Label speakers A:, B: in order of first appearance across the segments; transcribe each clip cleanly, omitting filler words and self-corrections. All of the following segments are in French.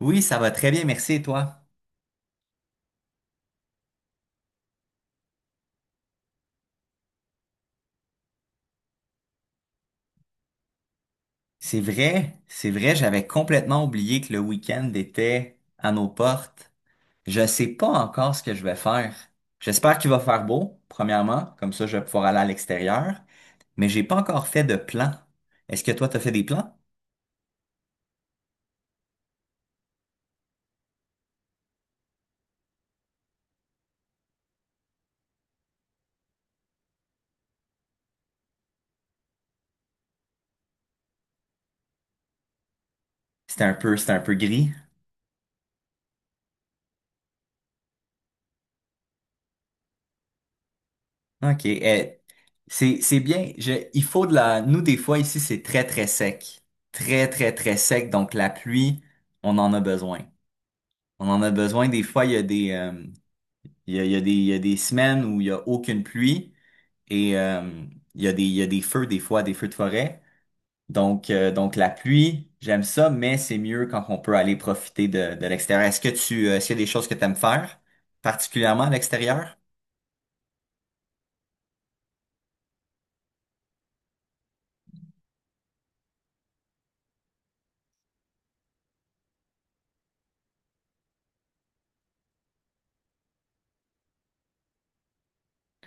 A: Oui, ça va très bien, merci et toi? C'est vrai, j'avais complètement oublié que le week-end était à nos portes. Je sais pas encore ce que je vais faire. J'espère qu'il va faire beau, premièrement, comme ça je vais pouvoir aller à l'extérieur, mais j'ai pas encore fait de plan. Est-ce que toi t'as fait des plans? C'était un peu gris. Ok, eh, c'est bien. Je, il faut de la. Nous des fois ici c'est très très sec, très très très sec. Donc la pluie, on en a besoin. On en a besoin. Des fois il y a des il y a, il y a il y a des semaines où il y a aucune pluie et il y a il y a des feux des fois, des feux de forêt. Donc la pluie, j'aime ça, mais c'est mieux quand on peut aller profiter de l'extérieur. Est-ce que est-ce qu'il y a des choses que tu aimes faire, particulièrement à l'extérieur?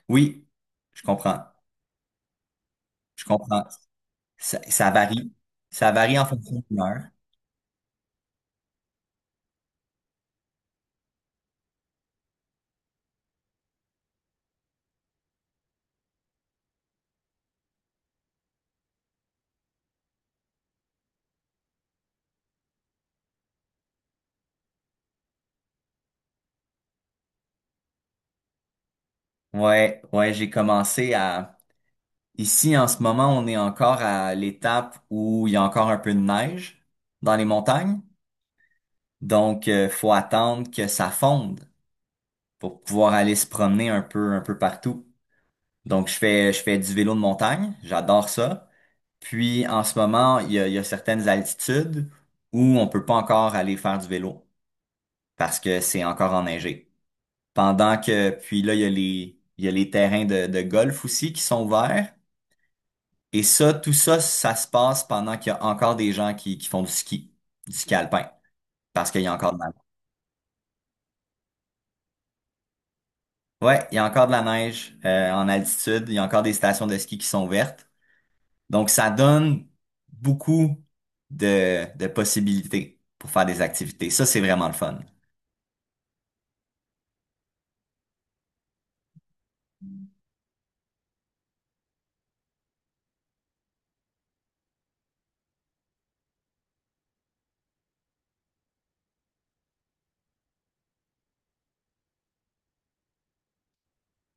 A: Oui, je comprends. Je comprends. Ça varie. Ça varie en fonction de l'heure. Ouais, ouais, j'ai commencé à... Ici, en ce moment, on est encore à l'étape où il y a encore un peu de neige dans les montagnes. Donc, faut attendre que ça fonde pour pouvoir aller se promener un peu partout. Donc, je fais du vélo de montagne. J'adore ça. Puis, en ce moment, il y a certaines altitudes où on peut pas encore aller faire du vélo parce que c'est encore enneigé. Pendant que, puis là, il y a les, il y a les terrains de golf aussi qui sont ouverts. Et ça, tout ça, ça se passe pendant qu'il y a encore des gens qui font du ski alpin, parce qu'il y a encore de la. Ouais, il y a encore de la neige en altitude, il y a encore des stations de ski qui sont ouvertes. Donc, ça donne beaucoup de possibilités pour faire des activités. Ça, c'est vraiment le fun.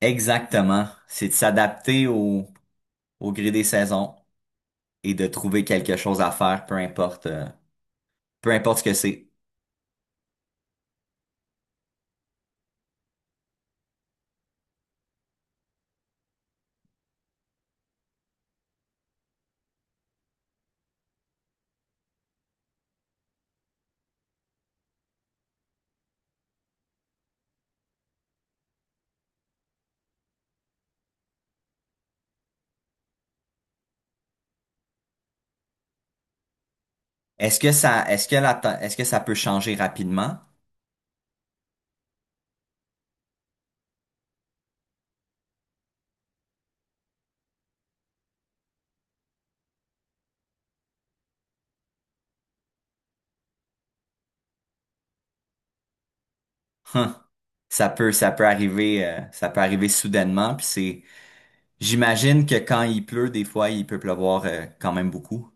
A: Exactement. C'est de s'adapter au gré des saisons et de trouver quelque chose à faire, peu importe ce que c'est. Est-ce que ça, est-ce que la, te- est-ce que ça peut changer rapidement? Hum, ça peut arriver soudainement, puis c'est. J'imagine que quand il pleut, des fois, il peut pleuvoir quand même beaucoup.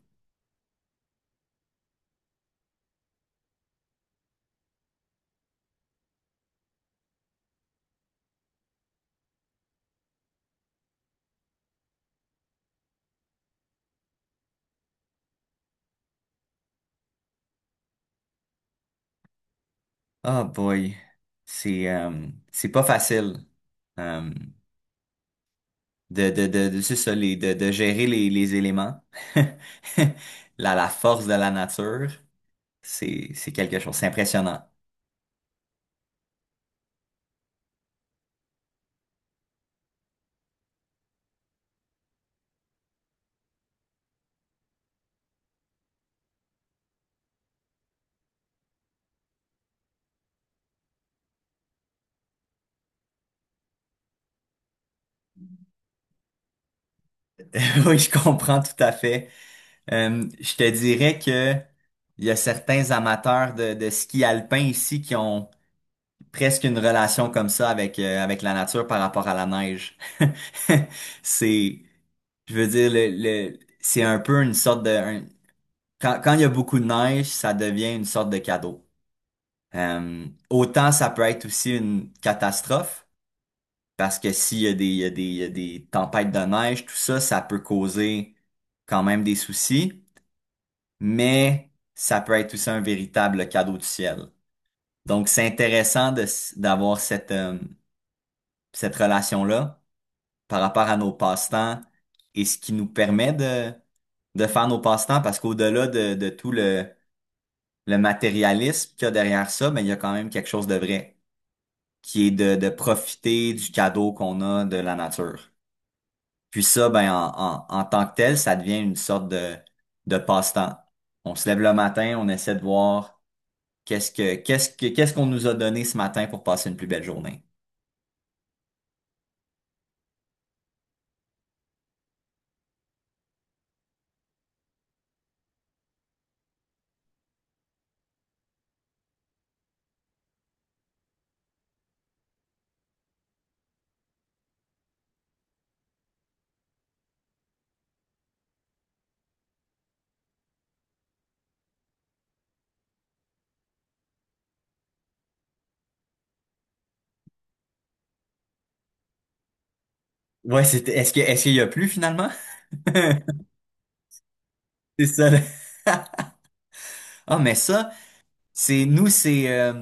A: Ah boy, c'est pas facile euh, de c'est ça, de gérer les éléments. La force de la nature, c'est quelque chose, c'est impressionnant. Oui, je comprends tout à fait. Je te dirais que il y a certains amateurs de ski alpin ici qui ont presque une relation comme ça avec, avec la nature par rapport à la neige. C'est, je veux dire, le, c'est un peu une sorte de... un- quand, quand il y a beaucoup de neige, ça devient une sorte de cadeau. Autant ça peut être aussi une catastrophe, parce que s'il y a il y a il y a des tempêtes de neige, tout ça, ça peut causer quand même des soucis, mais ça peut être aussi un véritable cadeau du ciel. Donc, c'est intéressant d'avoir cette, cette relation-là, par rapport à nos passe-temps et ce qui nous permet de faire nos passe-temps parce qu'au-delà de tout le matérialisme qu'il y a derrière ça, mais il y a quand même quelque chose de vrai qui est de profiter du cadeau qu'on a de la nature. Puis ça, ben, en tant que tel, ça devient une sorte de passe-temps. On se lève le matin, on essaie de voir qu'est-ce qu'on nous a donné ce matin pour passer une plus belle journée. Ouais, est-ce qu'il y a plus finalement? C'est ça, là. Ah, mais ça, c'est nous,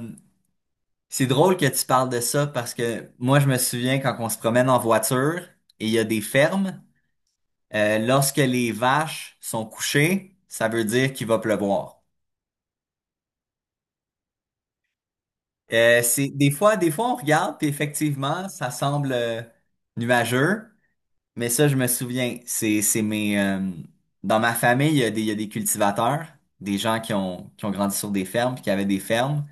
A: c'est drôle que tu parles de ça parce que moi, je me souviens quand on se promène en voiture et il y a des fermes, lorsque les vaches sont couchées, ça veut dire qu'il va pleuvoir. C'est des fois on regarde puis effectivement, ça semble nuageux, mais ça, je me souviens, c'est mes dans ma famille, il y a des il y a des cultivateurs, des gens qui ont grandi sur des fermes puis qui avaient des fermes.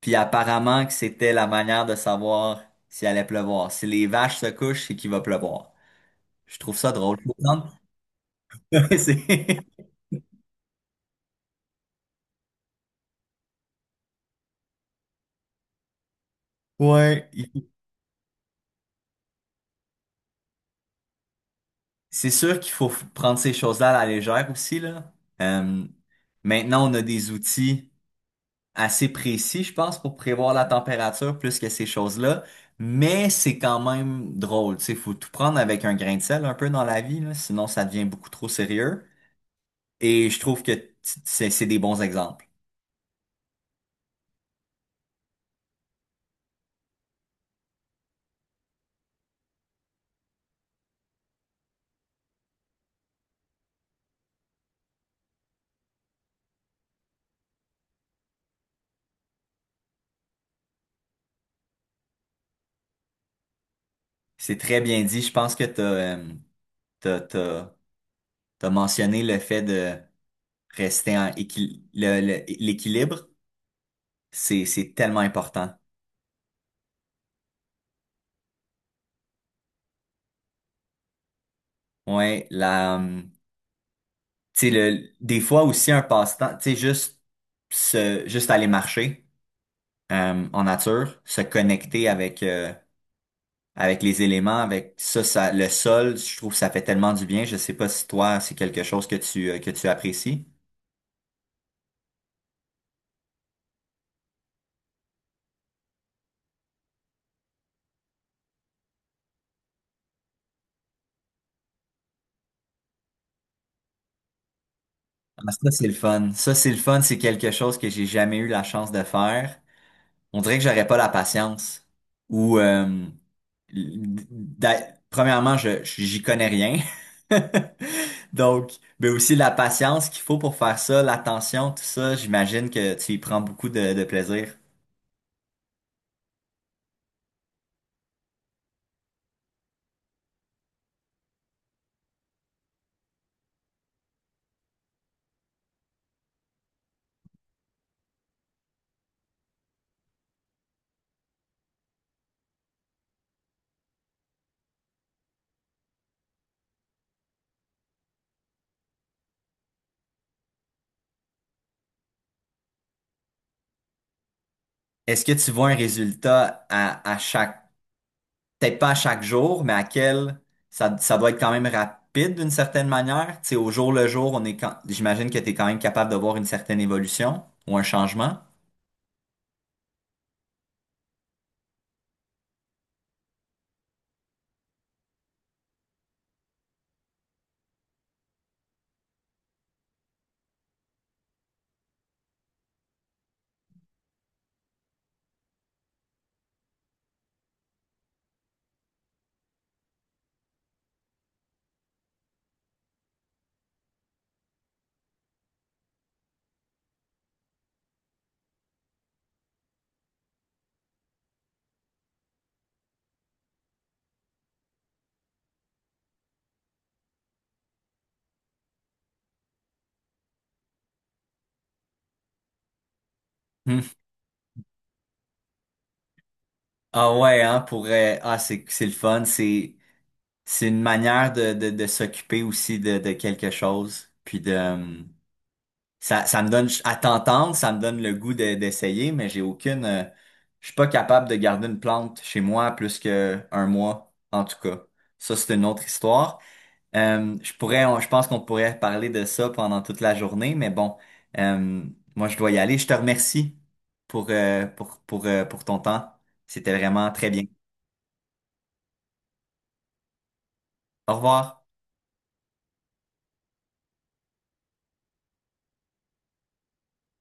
A: Puis apparemment que c'était la manière de savoir s'il allait pleuvoir. Si les vaches se couchent, c'est qu'il va pleuvoir. Je trouve ça drôle. Je me demande- C'est. Ouais. il- c'est sûr qu'il faut prendre ces choses-là à la légère aussi, là. Euh, maintenant, on a des outils assez précis, je pense, pour prévoir la température plus que ces choses-là. Mais c'est quand même drôle. Tu sais, faut tout prendre avec un grain de sel un peu dans la vie, là, sinon ça devient beaucoup trop sérieux. Et je trouve que t- c'est des bons exemples. C'est très bien dit. Je pense que tu as, t'as, t'as, t'as- t'as mentionné le fait de rester en équil- l'équilibre. C'est tellement important. Ouais, la, tu sais, le, des fois aussi un passe-temps, tu sais, juste, juste aller marcher en nature, se connecter avec, avec les éléments, avec ça, ça, le sol, je trouve que ça fait tellement du bien. Je sais pas si toi, c'est quelque chose que que tu apprécies. Ah, ça, c'est le fun. Ça, c'est le fun. C'est quelque chose que j'ai jamais eu la chance de faire. On dirait que j'aurais pas la patience. Ou, l- premièrement, j'y connais rien. Donc, mais aussi la patience qu'il faut pour faire ça, l'attention, tout ça, j'imagine que tu y prends beaucoup de plaisir. Est-ce que tu vois un résultat à chaque peut-être pas à chaque jour, mais à quel ça, ça doit être quand même rapide d'une certaine manière. Tu sais, au jour le jour, on est quand... j'imagine que tu es quand même capable de voir une certaine évolution ou un changement. Hmm. Ah ouais, hein, pour ah c'est le fun, c'est une manière de s'occuper aussi de quelque chose. Puis de ça me donne à t'entendre, ça me donne le goût de- d'essayer, mais j'ai aucune je suis pas capable de garder une plante chez moi plus que un mois en tout cas. Ça c'est une autre histoire. Je pourrais, on- je pense qu'on pourrait parler de ça pendant toute la journée, mais bon, euh, moi je dois y aller. Je te remercie pour, pour ton temps. C'était vraiment très bien. Au revoir.